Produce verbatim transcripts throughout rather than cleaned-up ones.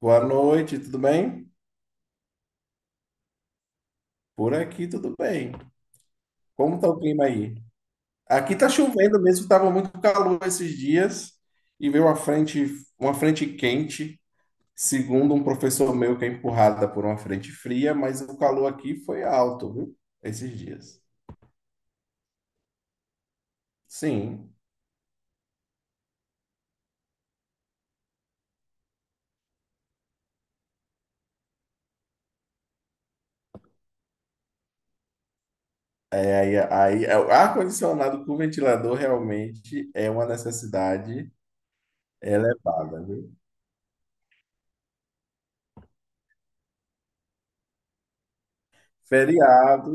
Boa noite, tudo bem? Por aqui tudo bem. Como tá o clima aí? Aqui tá chovendo mesmo, tava muito calor esses dias e veio uma frente, uma frente quente, segundo um professor meu que é empurrada por uma frente fria, mas o calor aqui foi alto, viu? Esses dias. Sim. É, Aí, aí é, o ar-condicionado com ventilador realmente é uma necessidade elevada, viu? Feriado.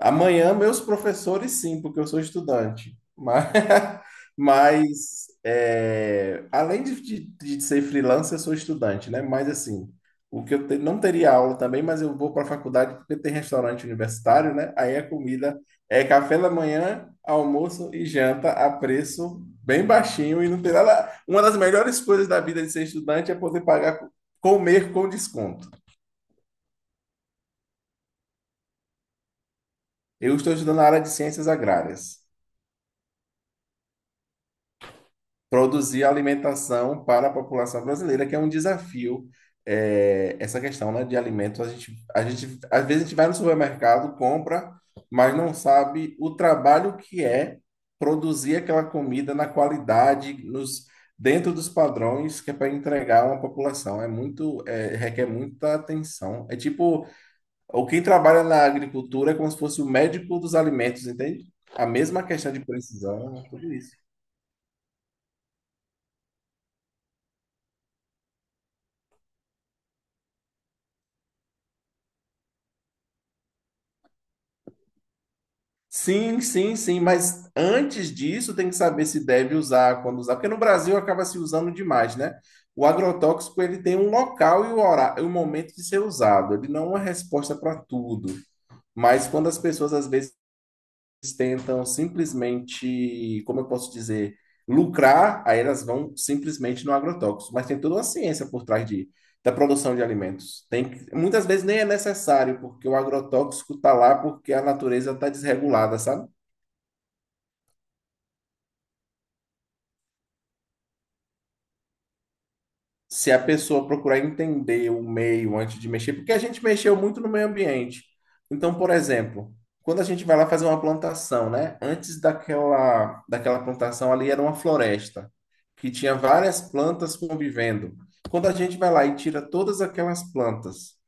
Amanhã, meus professores, sim, porque eu sou estudante. Mas, mas, é, além de, de- de ser freelancer, eu sou estudante, né? Mas, assim, o que eu te- não teria aula também, mas eu vou para a faculdade porque tem restaurante universitário, né? Aí a comida é café da manhã, almoço e janta a preço bem baixinho e não tem nada. Uma das melhores coisas da vida de ser estudante é poder pagar, comer com desconto. Eu estou estudando na área de ciências agrárias. Produzir alimentação para a população brasileira, que é um desafio, é, essa questão, né, de alimentos. A gente, a gente, às vezes a gente vai no supermercado, compra, mas não sabe o trabalho que é produzir aquela comida na qualidade, nos, dentro dos padrões que é para entregar a uma população. É muito, é, requer muita atenção. É tipo, o quem trabalha na agricultura é como se fosse o médico dos alimentos, entende? A mesma questão de precisão, tudo isso. Sim, sim, sim, mas antes disso tem que saber se deve usar, quando usar, porque no Brasil acaba se usando demais, né? O agrotóxico ele tem um local e o horário, o momento de ser usado, ele não é uma resposta para tudo. Mas quando as pessoas às vezes tentam simplesmente, como eu posso dizer, lucrar, aí elas vão simplesmente no agrotóxico. Mas tem toda uma ciência por trás de, da produção de alimentos. Tem, que- muitas vezes nem é necessário, porque o agrotóxico está lá porque a natureza está desregulada, sabe? Se a pessoa procurar entender o meio antes de mexer, porque a gente mexeu muito no meio ambiente. Então, por exemplo, quando a gente vai lá fazer uma plantação, né? Antes daquela, daquela plantação ali era uma floresta, que tinha várias plantas convivendo. Quando a gente vai lá e tira todas aquelas plantas,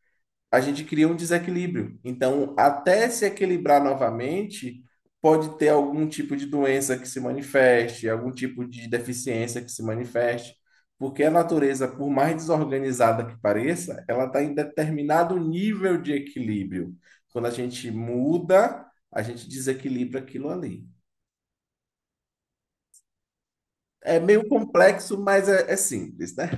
a gente cria um desequilíbrio. Então, até se equilibrar novamente, pode ter algum tipo de doença que se manifeste, algum tipo de deficiência que se manifeste, porque a natureza, por mais desorganizada que pareça, ela está em determinado nível de equilíbrio. Quando a gente muda, a gente desequilibra aquilo ali. É meio complexo, mas é, é simples, né?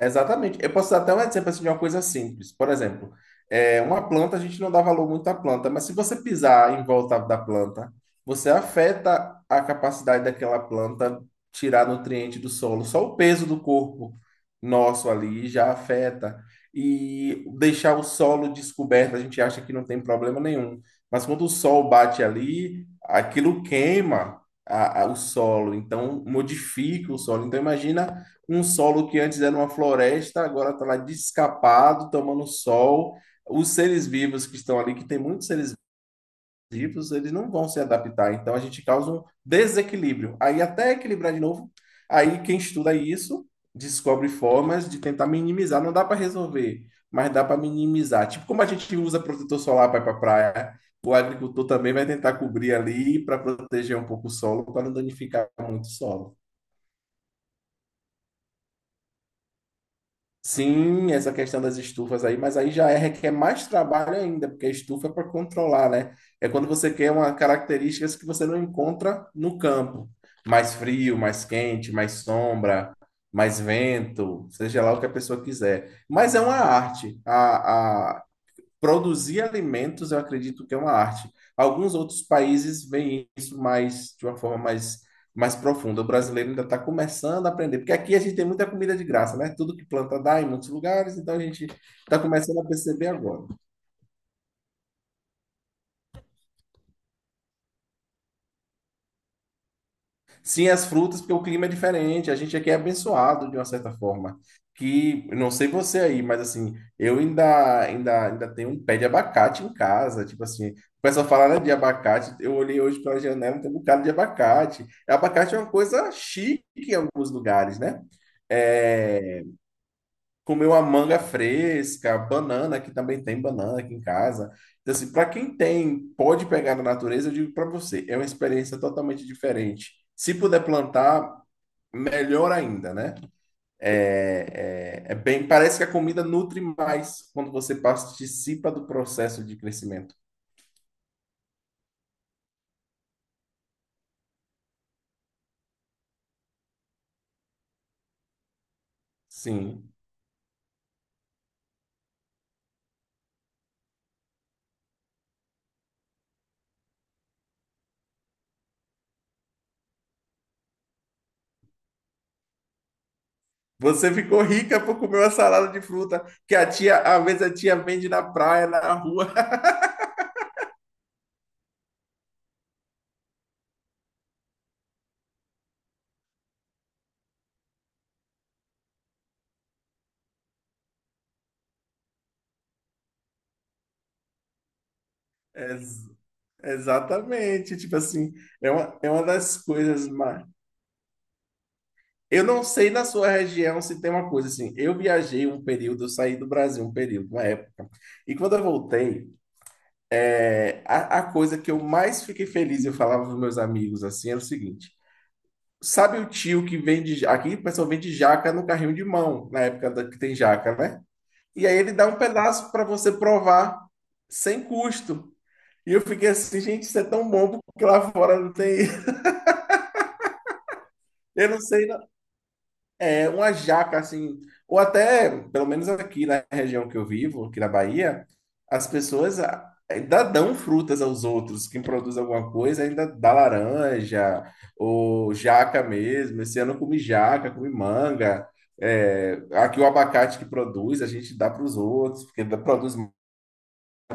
Exatamente. Eu posso dar até um exemplo assim, de uma coisa simples. Por exemplo, é, uma planta, a gente não dá valor muito à planta, mas se você pisar em volta da planta, você afeta a capacidade daquela planta tirar nutriente do solo. Só o peso do corpo nosso ali já afeta. E deixar o solo descoberto, a gente acha que não tem problema nenhum. Mas quando o sol bate ali, aquilo queima a- a- o solo, então modifica o solo. Então, imagina um solo que antes era uma floresta, agora está lá descapado, tomando sol. Os seres vivos que estão ali, que tem muitos seres vivos, eles não vão se adaptar. Então a gente causa um desequilíbrio. Aí até equilibrar de novo, aí quem estuda isso descobre formas de tentar minimizar. Não dá para resolver, mas dá para minimizar. Tipo como a gente usa protetor solar para ir para a praia. O agricultor também vai tentar cobrir ali para proteger um pouco o solo, para não danificar muito o solo. Sim, essa questão das estufas aí, mas aí já é, requer mais trabalho ainda, porque a estufa é para controlar, né? É quando você quer uma características que você não encontra no campo. Mais frio, mais quente, mais sombra, mais vento, seja lá o que a pessoa quiser. Mas é uma arte. A, produzir alimentos, eu acredito que é uma arte. Alguns outros países veem isso mais de uma forma mais, mais profunda. O brasileiro ainda está começando a aprender, porque aqui a gente tem muita comida de graça, né? Tudo que planta dá em muitos lugares, então a gente está começando a perceber agora. Sim, as frutas, porque o clima é diferente. A gente aqui é abençoado de uma certa forma. Que não sei você aí, mas assim, eu ainda, ainda, ainda tenho um pé de abacate em casa. Tipo assim, o pessoal fala, né, de abacate. Eu olhei hoje pela janela, tem um bocado de abacate. Abacate é uma coisa chique em alguns lugares, né? É, comer uma manga fresca, banana, que também tem banana aqui em casa. Então, assim, para quem tem, pode pegar na natureza, eu digo para você, é uma experiência totalmente diferente. Se puder plantar, melhor ainda, né? É, é, é bem, parece que a comida nutre mais quando você participa do processo de crescimento. Sim. Você ficou rica por comer uma salada de fruta que a tia, às vezes a tia vende na praia, na rua. É, Exatamente, tipo assim, é uma, é uma das coisas mais. Eu não sei na sua região se tem uma coisa assim. Eu viajei um período, eu saí do Brasil um período, uma época. E quando eu voltei, é, a, a coisa que eu mais fiquei feliz, eu falava para meus amigos assim, era o seguinte: sabe o tio que vende. Ja- Aqui o pessoal vende jaca no carrinho de mão, na época da- que tem jaca, né? E aí ele dá um pedaço para você provar, sem custo. E eu fiquei assim, gente, isso é tão bom, porque lá fora não tem. Eu não sei. É, uma jaca, assim, ou até, pelo menos aqui na região que eu vivo, aqui na Bahia, as pessoas a- ainda dão frutas aos outros. Quem produz alguma coisa ainda dá laranja, ou jaca mesmo. Esse ano eu comi jaca, comi manga. É, aqui o abacate que produz, a gente dá para os outros, porque dá- produz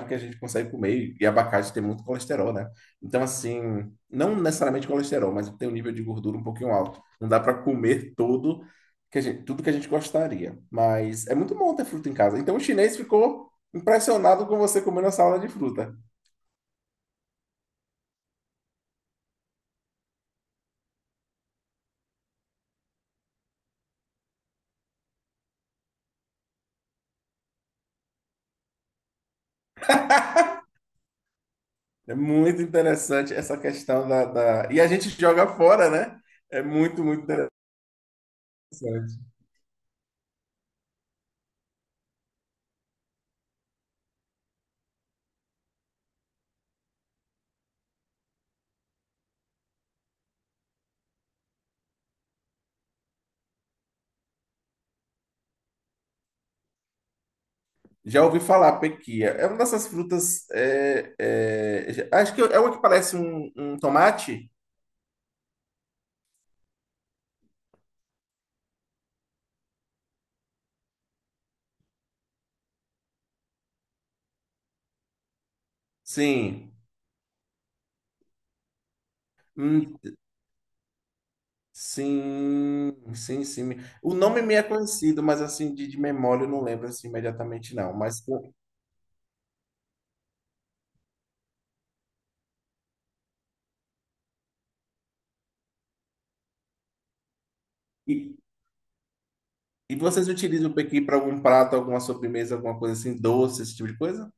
que a gente consegue comer, e abacate tem muito colesterol, né? Então, assim, não necessariamente colesterol, mas tem um nível de gordura um pouquinho alto. Não dá para comer todo que a gente, tudo que a gente gostaria, mas é muito bom ter fruta em casa. Então, o chinês ficou impressionado com você comendo a salada de fruta. É muito interessante essa questão da, da... E a gente joga fora, né? É muito, muito interessante. Já ouvi falar, pequia. É uma dessas frutas. é, é, acho que é uma que parece um, um tomate. Sim. Hum, sim, sim, sim. O nome me é conhecido, mas assim, de, de memória eu não lembro assim imediatamente, não. Mas pô, e, e vocês utilizam o pequi para algum prato, alguma sobremesa, alguma coisa assim, doce, esse tipo de coisa?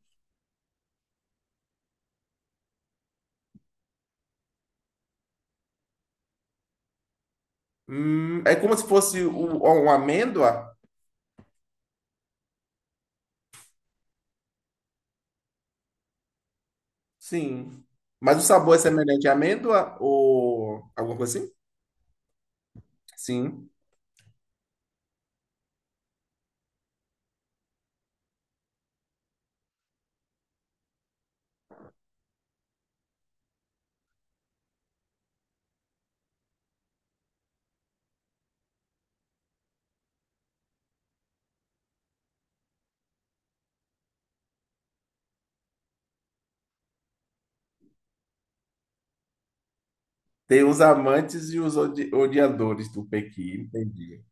Hum, é como se fosse o, o- uma amêndoa? Sim. Mas o sabor é semelhante à amêndoa ou alguma coisa assim? Sim. Tem os amantes e os odi- odiadores do pequi, entendi.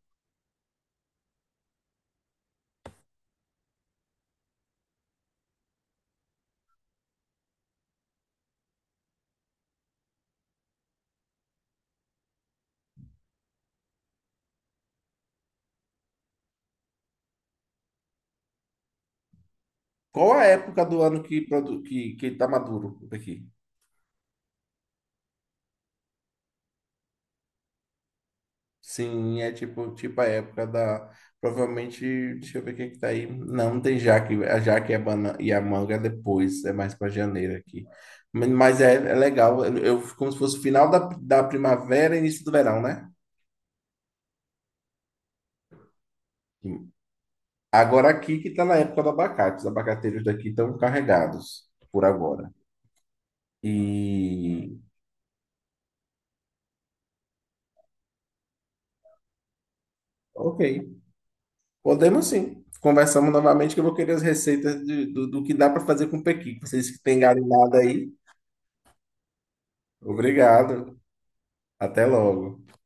Qual a época do ano que, produ que, que tá maduro o pequi? Sim, é tipo, tipo a época da. Provavelmente, deixa eu ver o que que tá aí. Não, tem jaque. A jaque e a, bana, e a manga é depois, é mais para janeiro aqui. Mas mas é, é legal, eu, eu- como se fosse final da, da primavera e início do verão, né? Agora aqui que tá na época do abacate. Os abacateiros daqui estão carregados por agora. E. Ok. Podemos sim. Conversamos novamente que eu vou querer as receitas de- do, do que dá para fazer com pequi. Vocês que têm galinhada aí. Obrigado. Até logo.